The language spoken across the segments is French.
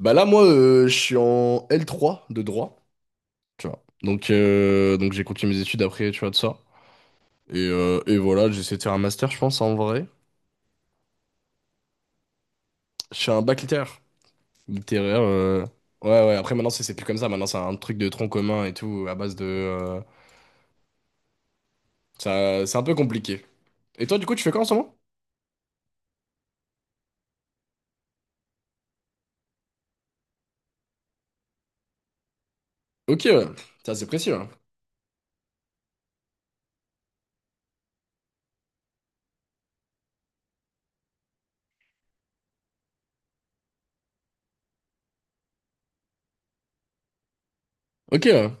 Bah là, moi, je suis en L3 de droit, tu vois. Donc j'ai continué mes études après, tu vois, de ça. Et voilà, j'essaie de faire un master, je pense, en vrai. Je fais un bac littéraire. Littéraire, ouais, ouais. Après, maintenant, c'est plus comme ça. Maintenant, c'est un truc de tronc commun et tout, à base de... ça, c'est un peu compliqué. Et toi, du coup, tu fais quoi en ce moment? Ok, ouais. Ça, c'est précis, ouais. Ok, ouais.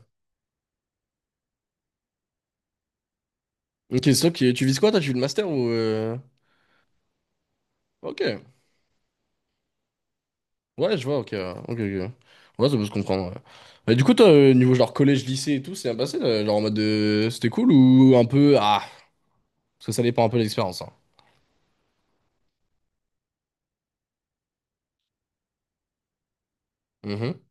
Ok, stop toi. Tu vises quoi, toi? Tu vis le master ou... Ok. Ouais, je vois, ok, ouais. Ok, ok. Ouais, ouais, ça peut se comprendre, ouais. Mais du coup, toi, niveau genre collège, lycée et tout, c'est bien passé, là, genre en mode de... c'était cool ou un peu ah, parce que ça dépend un peu de l'expérience, hein. Mhm.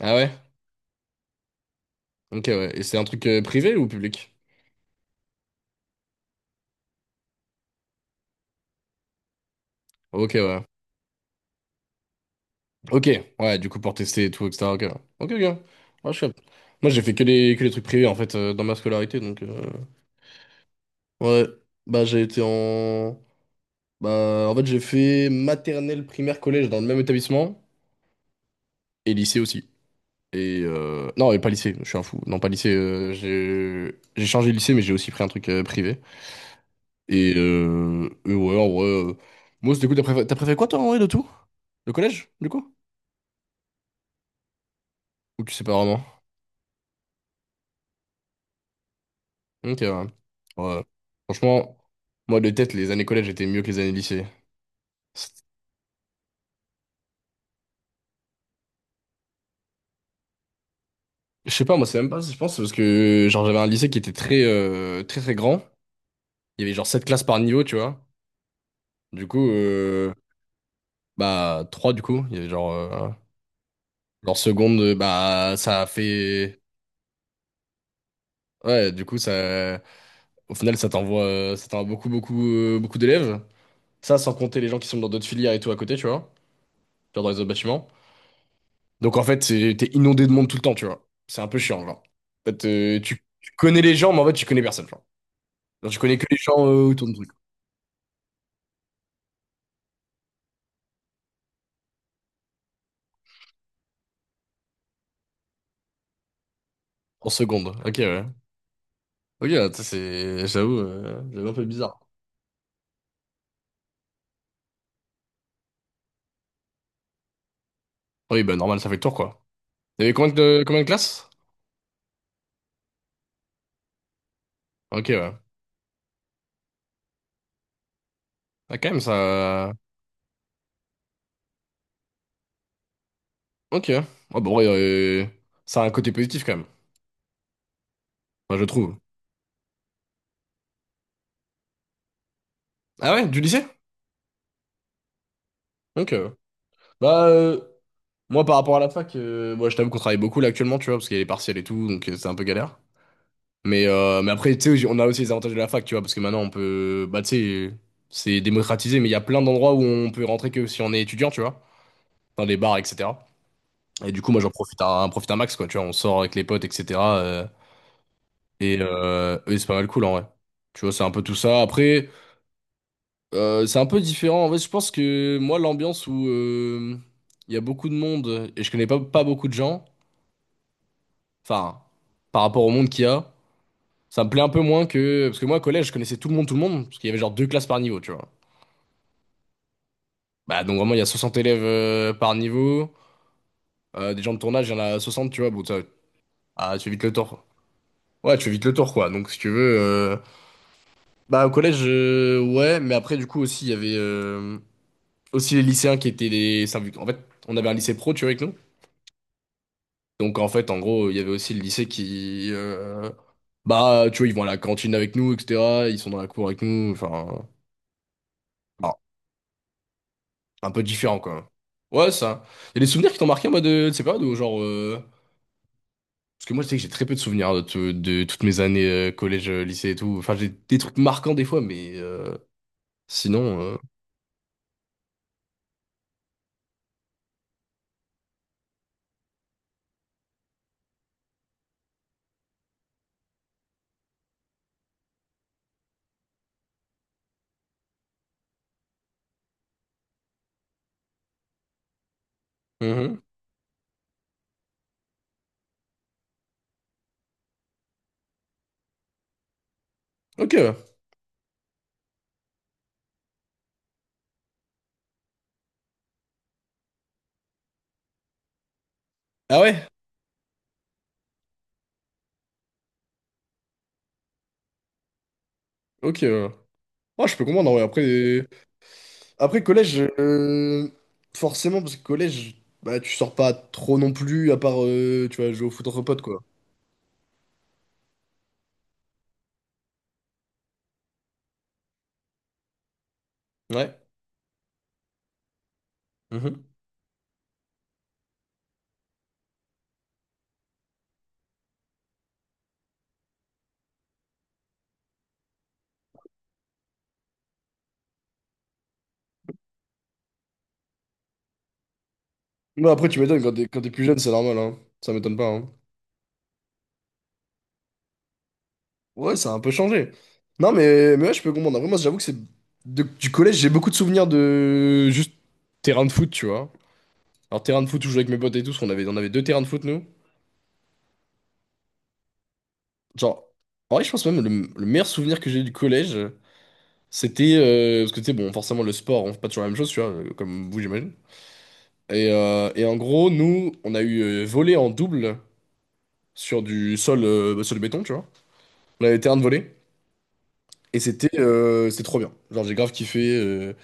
Ah ouais? Ok, ouais. Et c'est un truc privé ou public? Ok, ouais. Ok, ouais. Du coup, pour tester et tout, etc. Ok, ouais. Ok, ok. Ouais, je suis up. Moi, j'ai fait que les trucs privés en fait dans ma scolarité, donc ouais. Bah, j'ai été en bah en fait j'ai fait maternelle, primaire, collège dans le même établissement et lycée aussi. Et non, et pas lycée, je suis un fou. Non, pas lycée. J'ai changé de lycée, mais j'ai aussi pris un truc privé. Et ouais, en vrai. Mousse, du coup, t'as préféré quoi, toi, en vrai, de tout? Le collège, du coup? Ou tu sais pas vraiment? Ok, ouais. Ouais. Franchement, moi, de tête, les années collège étaient mieux que les années lycée. C'est- Je sais pas, moi, c'est même pas, je pense, c'est parce que genre j'avais un lycée qui était très, très, très grand. Il y avait genre 7 classes par niveau, tu vois. Du coup, bah, 3 du coup. Il y avait genre, En seconde, bah, ça a fait. Ouais, du coup, ça. Au final, ça t'envoie beaucoup, beaucoup, beaucoup d'élèves. Ça, sans compter les gens qui sont dans d'autres filières et tout à côté, tu vois. Genre dans les autres bâtiments. Donc, en fait, t'es inondé de monde tout le temps, tu vois. C'est un peu chiant, genre. En fait, tu connais les gens, mais en fait, tu connais personne, genre. Genre, tu connais que les gens autour de truc. En seconde. Ok, ouais. Ok, ouais, ça, c'est. J'avoue, j'avoue un peu bizarre. Oui, bah, normal, ça fait le tour, quoi. Il y avait combien de classes? Ok, ouais. Ah, quand même, ça. Ok. Ah bon, ouais, ça a un côté positif quand même. Enfin, je trouve. Ah ouais, du lycée? Ok. Bah, moi par rapport à la fac, moi je t'avoue qu'on travaille beaucoup là actuellement, tu vois, parce qu'il y a les partiels et tout, donc c'est un peu galère. Mais après, tu sais, on a aussi les avantages de la fac, tu vois, parce que maintenant on peut. Bah, tu sais, c'est démocratisé, mais il y a plein d'endroits où on peut rentrer que si on est étudiant, tu vois, dans les bars, etc. Et du coup, moi j'en profite un max, quoi, tu vois, on sort avec les potes, etc. Et c'est pas mal cool en vrai. Tu vois, c'est un peu tout ça. Après. C'est un peu différent. En fait, je pense que moi, l'ambiance où il y a beaucoup de monde et je connais pas beaucoup de gens, enfin, par rapport au monde qu'il y a, ça me plaît un peu moins que. Parce que moi, au collège, je connaissais tout le monde, parce qu'il y avait genre deux classes par niveau, tu vois. Bah, donc vraiment, il y a 60 élèves par niveau. Des gens de tournage, il y en a 60, tu vois. Bon, ça- ah, tu fais vite le tour, quoi. Ouais, tu fais vite le tour, quoi. Donc, si tu veux. Bah, au collège, ouais, mais après, du coup, aussi, il y avait aussi les lycéens qui étaient les. En fait, on avait un lycée pro, tu vois, avec nous. Donc en fait, en gros, il y avait aussi le lycée qui, bah, tu vois, ils vont à la cantine avec nous, etc. Ils sont dans la cour avec nous, enfin, alors, un peu différent, quoi. Ouais, ça. Il y a des souvenirs qui t'ont marqué, moi, de ces périodes où, genre, parce que moi, je sais que j'ai très peu de souvenirs de, de toutes mes années collège, lycée et tout. Enfin, j'ai des trucs marquants des fois, mais sinon, mhm. Ok. Ah ouais? Ok. Moi, je peux comprendre, en vrai. Après, collège, forcément, parce que collège, bah, tu sors pas trop non plus, à part, tu vas jouer au foot entre potes, quoi. Ouais. Mhm. Ouais, après, tu m'étonnes, quand t'es plus jeune, c'est normal, hein. Ça m'étonne pas, hein. Ouais, ça a un peu changé. Non, mais ouais, je peux comprendre. Après, moi, j'avoue que c'est. Du collège, j'ai beaucoup de souvenirs de juste terrain de foot, tu vois. Alors, terrain de foot où je jouais avec mes potes et tout, parce qu'on avait, on avait deux terrains de foot, nous. Genre, en vrai, je pense même le meilleur souvenir que j'ai eu du collège, c'était. Parce que, tu sais, bon, forcément, le sport, on fait pas toujours la même chose, tu vois, comme vous, j'imagine. Et en gros, nous, on a eu volé en double sur du sol, bah, sur le béton, tu vois. On avait terrain de volley. Et c'était c'était trop bien. Genre, j'ai grave kiffé.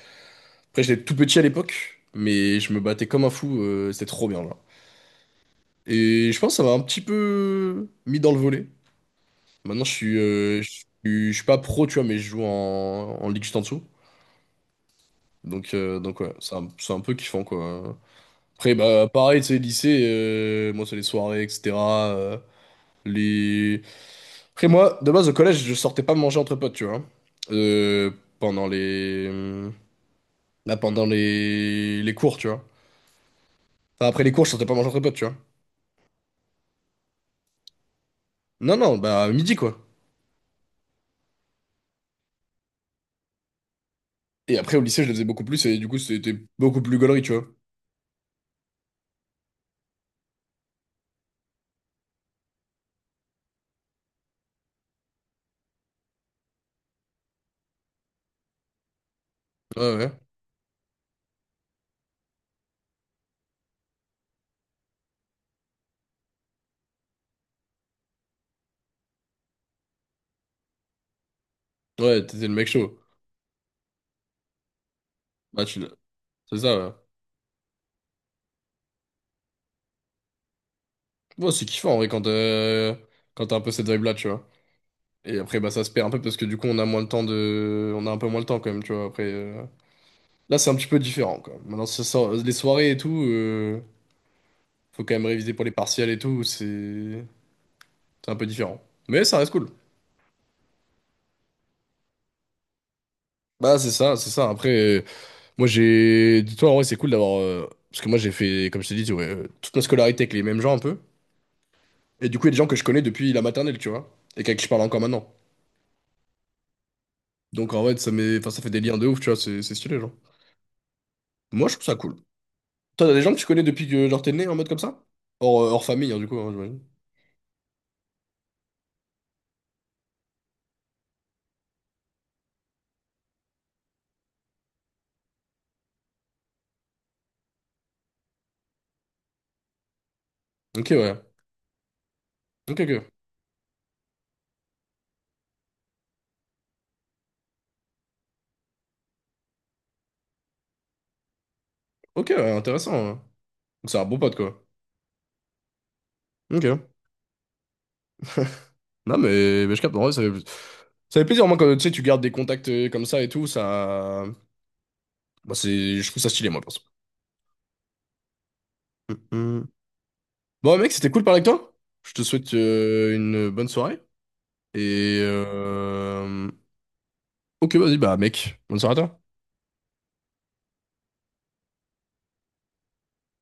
Après, j'étais tout petit à l'époque, mais je me battais comme un fou. C'était trop bien, là. Et je pense que ça m'a un petit peu mis dans le volley. Maintenant, je suis pas pro, tu vois, mais je joue en, en ligue juste en dessous. Donc ouais, c'est un peu kiffant, quoi. Après, bah, pareil, tu sais, lycée, moi, c'est les soirées, etc. euh, les... Après moi, de base au collège, je sortais pas manger entre potes, tu vois. Euh, pendant les... Là, pendant les cours, tu vois. Enfin, après les cours, je sortais pas manger entre potes, tu vois. Non, non, bah à midi, quoi. Et après au lycée, je le faisais beaucoup plus, et du coup, c'était beaucoup plus gaulerie, tu vois. Ouais, ouais. Ouais, t'étais le mec chaud. Bah, tu... l'as- C'est ça, ouais. Bon, c'est kiffant, en vrai, quand, quand t'as un peu cette vibe-là, tu vois. Et après, bah, ça se perd un peu, parce que du coup, on a moins le temps de. On a un peu moins le temps, quand même, tu vois. Après, là, c'est un petit peu différent, quoi. Maintenant, les soirées et tout. Faut quand même réviser pour les partiels et tout, c'est un peu différent. Mais ça reste cool. Bah c'est ça, c'est ça. Après, euh, moi j'ai. Dis-toi, en vrai, c'est cool d'avoir. Parce que moi j'ai fait, comme je t'ai dit, tu vois, toute ma scolarité avec les mêmes gens un peu. Et du coup, il y a des gens que je connais depuis la maternelle, tu vois. Et avec qui je parle encore maintenant. Donc en vrai, ça met. Enfin, ça fait des liens de ouf, tu vois, c'est stylé, genre. Moi, je trouve ça cool. Toi, t'as des gens que tu connais depuis que genre t'es né en mode comme ça? Hors, hors famille, hein, du coup, hein, j'imagine. Ok, ouais. Ok, ok. Ok, ouais, intéressant, ouais. Donc c'est un bon pote, quoi. Ok. Non, mais je capte, en vrai, ça fait plaisir, moi, quand tu sais, tu gardes des contacts comme ça et tout, ça. Bah, c'est, je trouve ça stylé, moi, perso. Mm, mm. Bon, mec, c'était cool de parler avec toi. Je te souhaite une bonne soirée. Et. euh, Ok, vas-y, bah, mec, bonne soirée à toi.